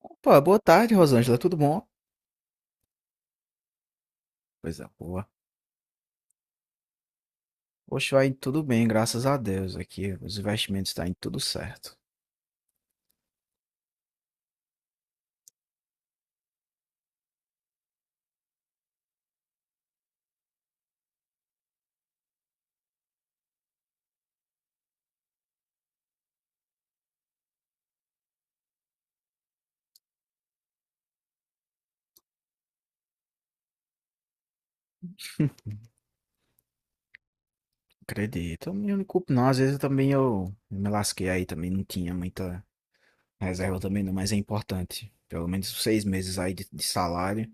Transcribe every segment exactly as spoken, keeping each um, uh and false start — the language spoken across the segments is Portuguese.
Opa, boa tarde, Rosângela, tudo bom? Coisa boa. Hoje vai tudo bem, graças a Deus. Aqui os investimentos estão indo tudo certo. Acredito. Eu não me culpo, não. Às vezes eu também eu me lasquei aí também, não tinha muita reserva também não, mas é importante. Pelo menos seis meses aí de, de salário,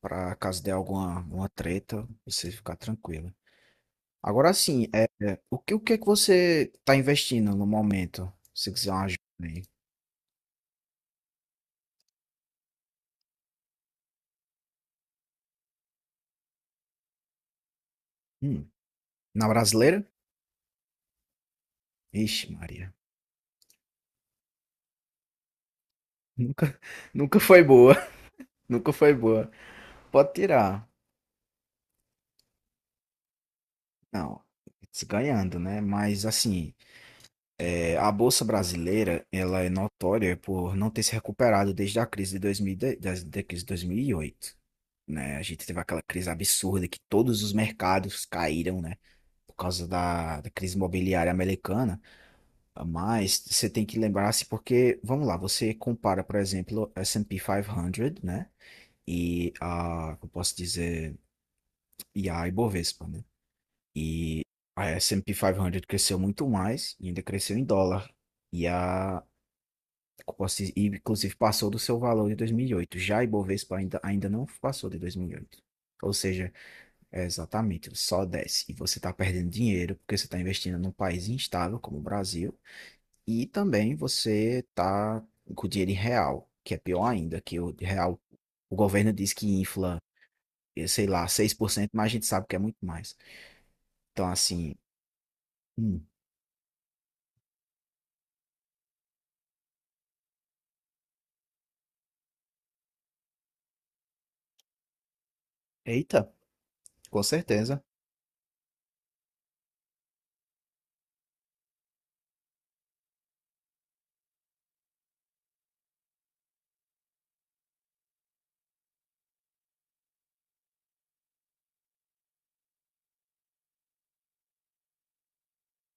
para caso dê alguma uma treta, você ficar tranquilo. Agora sim, é, é, o que, o que é que você está investindo no momento? Se quiser uma ajuda. Hum, Na brasileira? Ixi, Maria. Nunca, nunca foi boa. Nunca foi boa. Pode tirar. Não. Se ganhando, né? Mas assim, é, a Bolsa Brasileira, ela é notória por não ter se recuperado desde a crise de dois mil e dez, das- da crise de dois mil e oito, né? A gente teve aquela crise absurda que todos os mercados caíram, né? Por causa da, da crise imobiliária americana. Mas você tem que lembrar-se porque, vamos lá, você compara, por exemplo, S e P quinhentos, né? E a, eu posso dizer, e a Ibovespa, né? E a S e P quinhentos cresceu muito mais e ainda cresceu em dólar. E a, eu posso dizer, e inclusive passou do seu valor de dois mil e oito. Já a Ibovespa ainda, ainda não passou de dois mil e oito. Ou seja, é exatamente, ele só desce, e você está perdendo dinheiro porque você está investindo num país instável como o Brasil, e também você está com dinheiro em real, que é pior ainda, que o real, o governo diz que infla, eh, sei lá, seis por cento, mas a gente sabe que é muito mais. Então, assim. Hum. Eita, com certeza.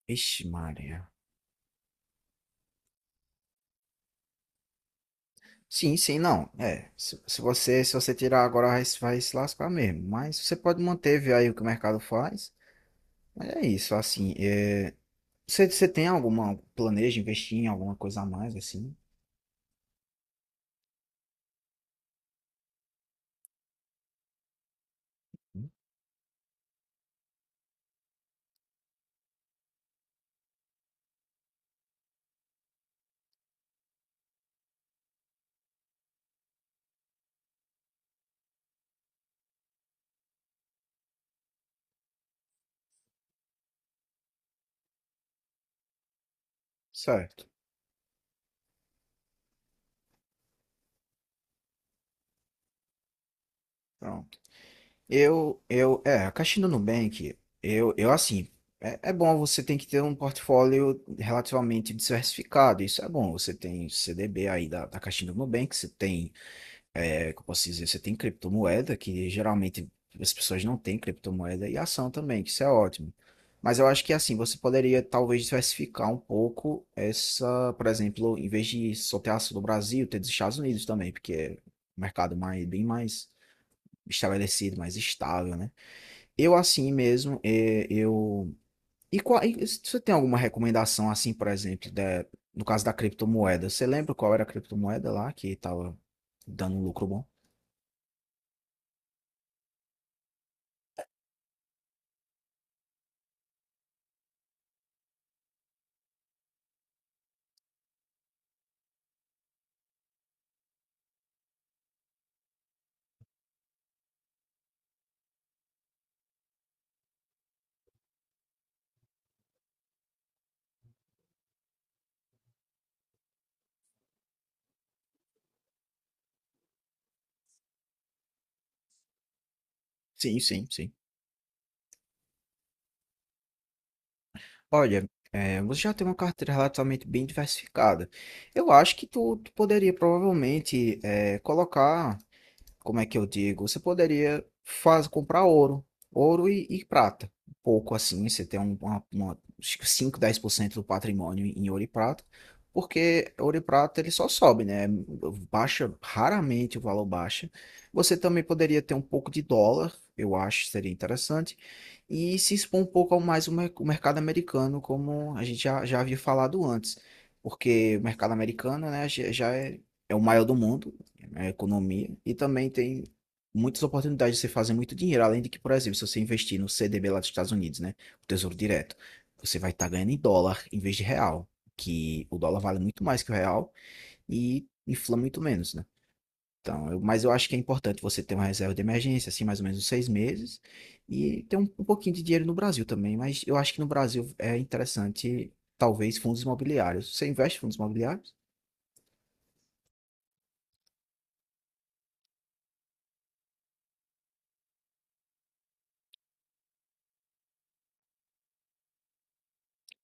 Ixi, Maria. Sim, sim. Não. É, se, se você se você tirar agora vai, se- vai se lascar mesmo, mas você pode manter, ver aí o que o mercado faz. Mas é isso, assim, é, você, você tem alguma planeja investir em alguma coisa a mais assim? Hum. Certo. Pronto. Eu, eu, é, a Caixa do Nubank, eu, eu assim, é, é bom, você tem que ter um portfólio relativamente diversificado, isso é bom, você tem C D B aí da, da Caixa do Nubank, você tem, é, como eu posso dizer, você tem criptomoeda, que geralmente as pessoas não têm criptomoeda, e ação também, que isso é ótimo. Mas eu acho que assim, você poderia talvez diversificar um pouco essa, por exemplo, em vez de só ter ação do Brasil, ter dos Estados Unidos também, porque é um mercado mais, bem mais estabelecido, mais estável, né? Eu assim mesmo, é, eu. E qual, e se você tem alguma recomendação assim, por exemplo, da, no caso da criptomoeda? Você lembra qual era a criptomoeda lá que estava dando um lucro bom? Sim, sim, sim. Olha, é, você já tem uma carteira relativamente bem diversificada. Eu acho que tu, tu poderia provavelmente é, colocar, como é que eu digo? Você poderia faz, comprar ouro, ouro e, e prata. Um pouco assim, você tem um- uma, uma, acho que cinco, dez por cento do patrimônio em ouro e prata, porque ouro e prata ele só sobe, né? Baixa, raramente o valor baixa. Você também poderia ter um pouco de dólar, eu acho, seria interessante, e se expor um pouco ao mais o mer- o mercado americano, como a gente já, já havia falado antes. Porque o mercado americano, né, já já é, é o maior do mundo, a economia, e também tem muitas oportunidades de você fazer muito dinheiro, além de que, por exemplo, se você investir no C D B lá dos Estados Unidos, né, o Tesouro Direto, você vai estar ganhando em dólar em vez de real, que o dólar vale muito mais que o real e infla muito menos, né? Então, eu- mas eu acho que é importante você ter uma reserva de emergência, assim, mais ou menos uns seis meses, e ter um, um pouquinho de dinheiro no Brasil também. Mas eu acho que no Brasil é interessante, talvez, fundos imobiliários. Você investe em fundos imobiliários?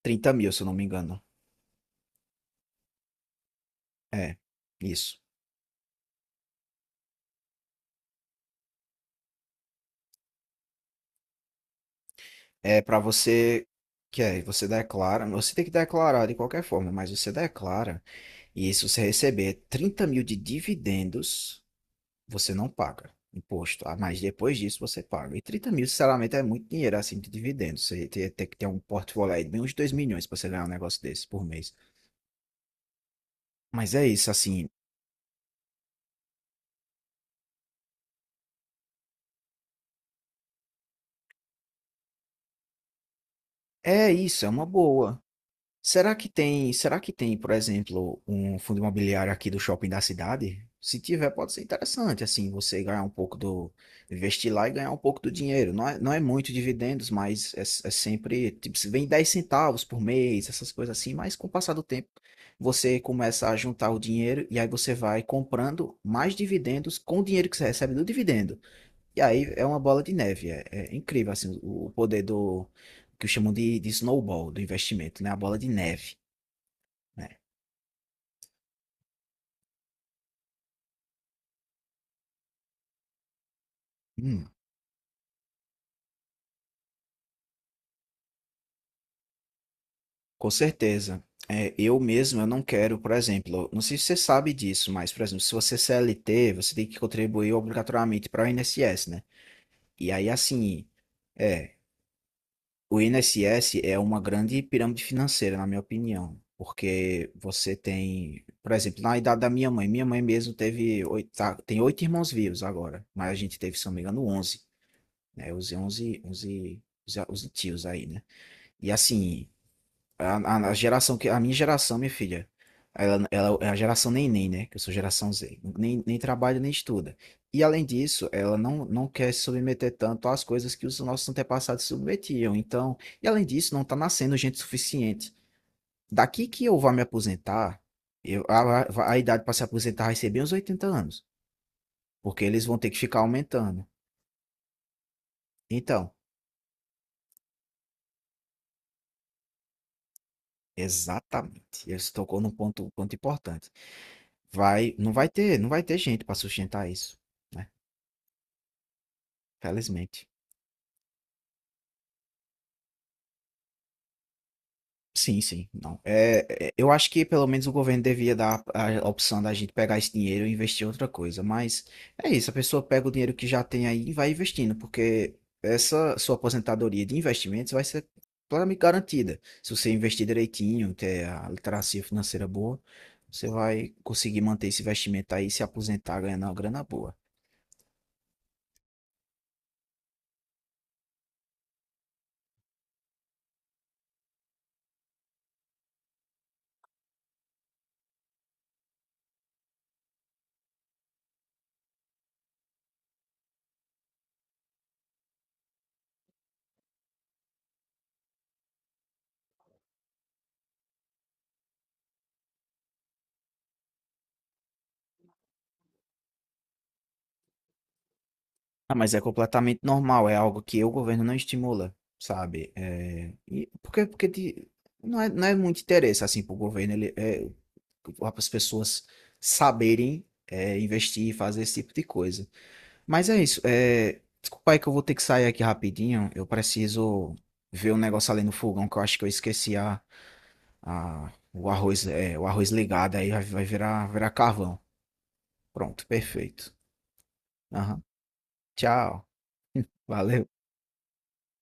Trinta mil, se eu não me engano. É, isso. É para você que é, você declara, você tem que declarar de qualquer forma, mas você declara, e se você receber trinta mil de dividendos, você não paga imposto, ah, mas depois disso você paga. E trinta mil, sinceramente, é muito dinheiro assim de dividendos. Você tem, tem que ter um portfólio aí de bem uns dois milhões para você ganhar um negócio desse por mês. Mas é isso, assim, é isso, é uma boa. Será que tem, será que tem, por exemplo, um fundo imobiliário aqui do shopping da cidade? Se tiver, pode ser interessante, assim, você ganhar um pouco do, investir lá e ganhar um pouco do dinheiro. Não é, não é muito dividendos, mas é, é sempre, tipo, se vem dez centavos por mês, essas coisas assim, mas com o passar do tempo, você começa a juntar o dinheiro, e aí você vai comprando mais dividendos com o dinheiro que você recebe do dividendo. E aí é uma bola de neve, é, é incrível assim o, o poder do que chamam de, de snowball, do investimento, né? A bola de neve, né? Hum, com certeza. É, eu mesmo, eu não quero, por exemplo, não sei se você sabe disso, mas, por exemplo, se você é C L T, você tem que contribuir obrigatoriamente para o I N S S, né? E aí, assim, é, o I N S S é uma grande pirâmide financeira, na minha opinião, porque você tem, por exemplo, na idade da minha mãe, minha mãe mesmo teve oito, tá- tem oito irmãos vivos agora, mas a gente teve, se não me engano, onze, né? Os onze, onze, os, os tios aí, né? E assim, a, a, a geração que. A minha geração, minha filha. Ela, ela é a geração neném, né? Que eu sou geração Z. Nem, nem trabalha, nem estuda. E além disso, ela não, não quer se submeter tanto às coisas que os nossos antepassados se submetiam. Então, e além disso, não está nascendo gente suficiente. Daqui que eu vá me aposentar, eu, a, a, a idade para se aposentar vai ser bem uns oitenta anos. Porque eles vão ter que ficar aumentando. Então, exatamente. Você tocou num ponto, ponto importante. Vai, não vai ter, não vai ter gente para sustentar isso. Né? Felizmente. Sim, sim. Não. É, é, eu acho que pelo menos o governo devia dar a opção da gente pegar esse dinheiro e investir em outra coisa. Mas é isso, a pessoa pega o dinheiro que já tem aí e vai investindo, porque essa sua aposentadoria de investimentos vai ser plenamente garantida. Se você investir direitinho, ter a literacia financeira boa, você vai conseguir manter esse investimento aí e se aposentar ganhando uma grana boa. Ah, mas é completamente normal, é algo que o governo não estimula, sabe? É, e porque porque te- não é, não é muito interesse, assim, para o governo, ele, é, para as pessoas saberem, é, investir e fazer esse tipo de coisa. Mas é isso, é, desculpa aí que eu vou ter que sair aqui rapidinho, eu preciso ver um negócio ali no fogão, que eu acho que eu esqueci a, a, o arroz, é, o arroz ligado, aí vai vai virar, virar carvão. Pronto, perfeito. Aham. Tchau, valeu.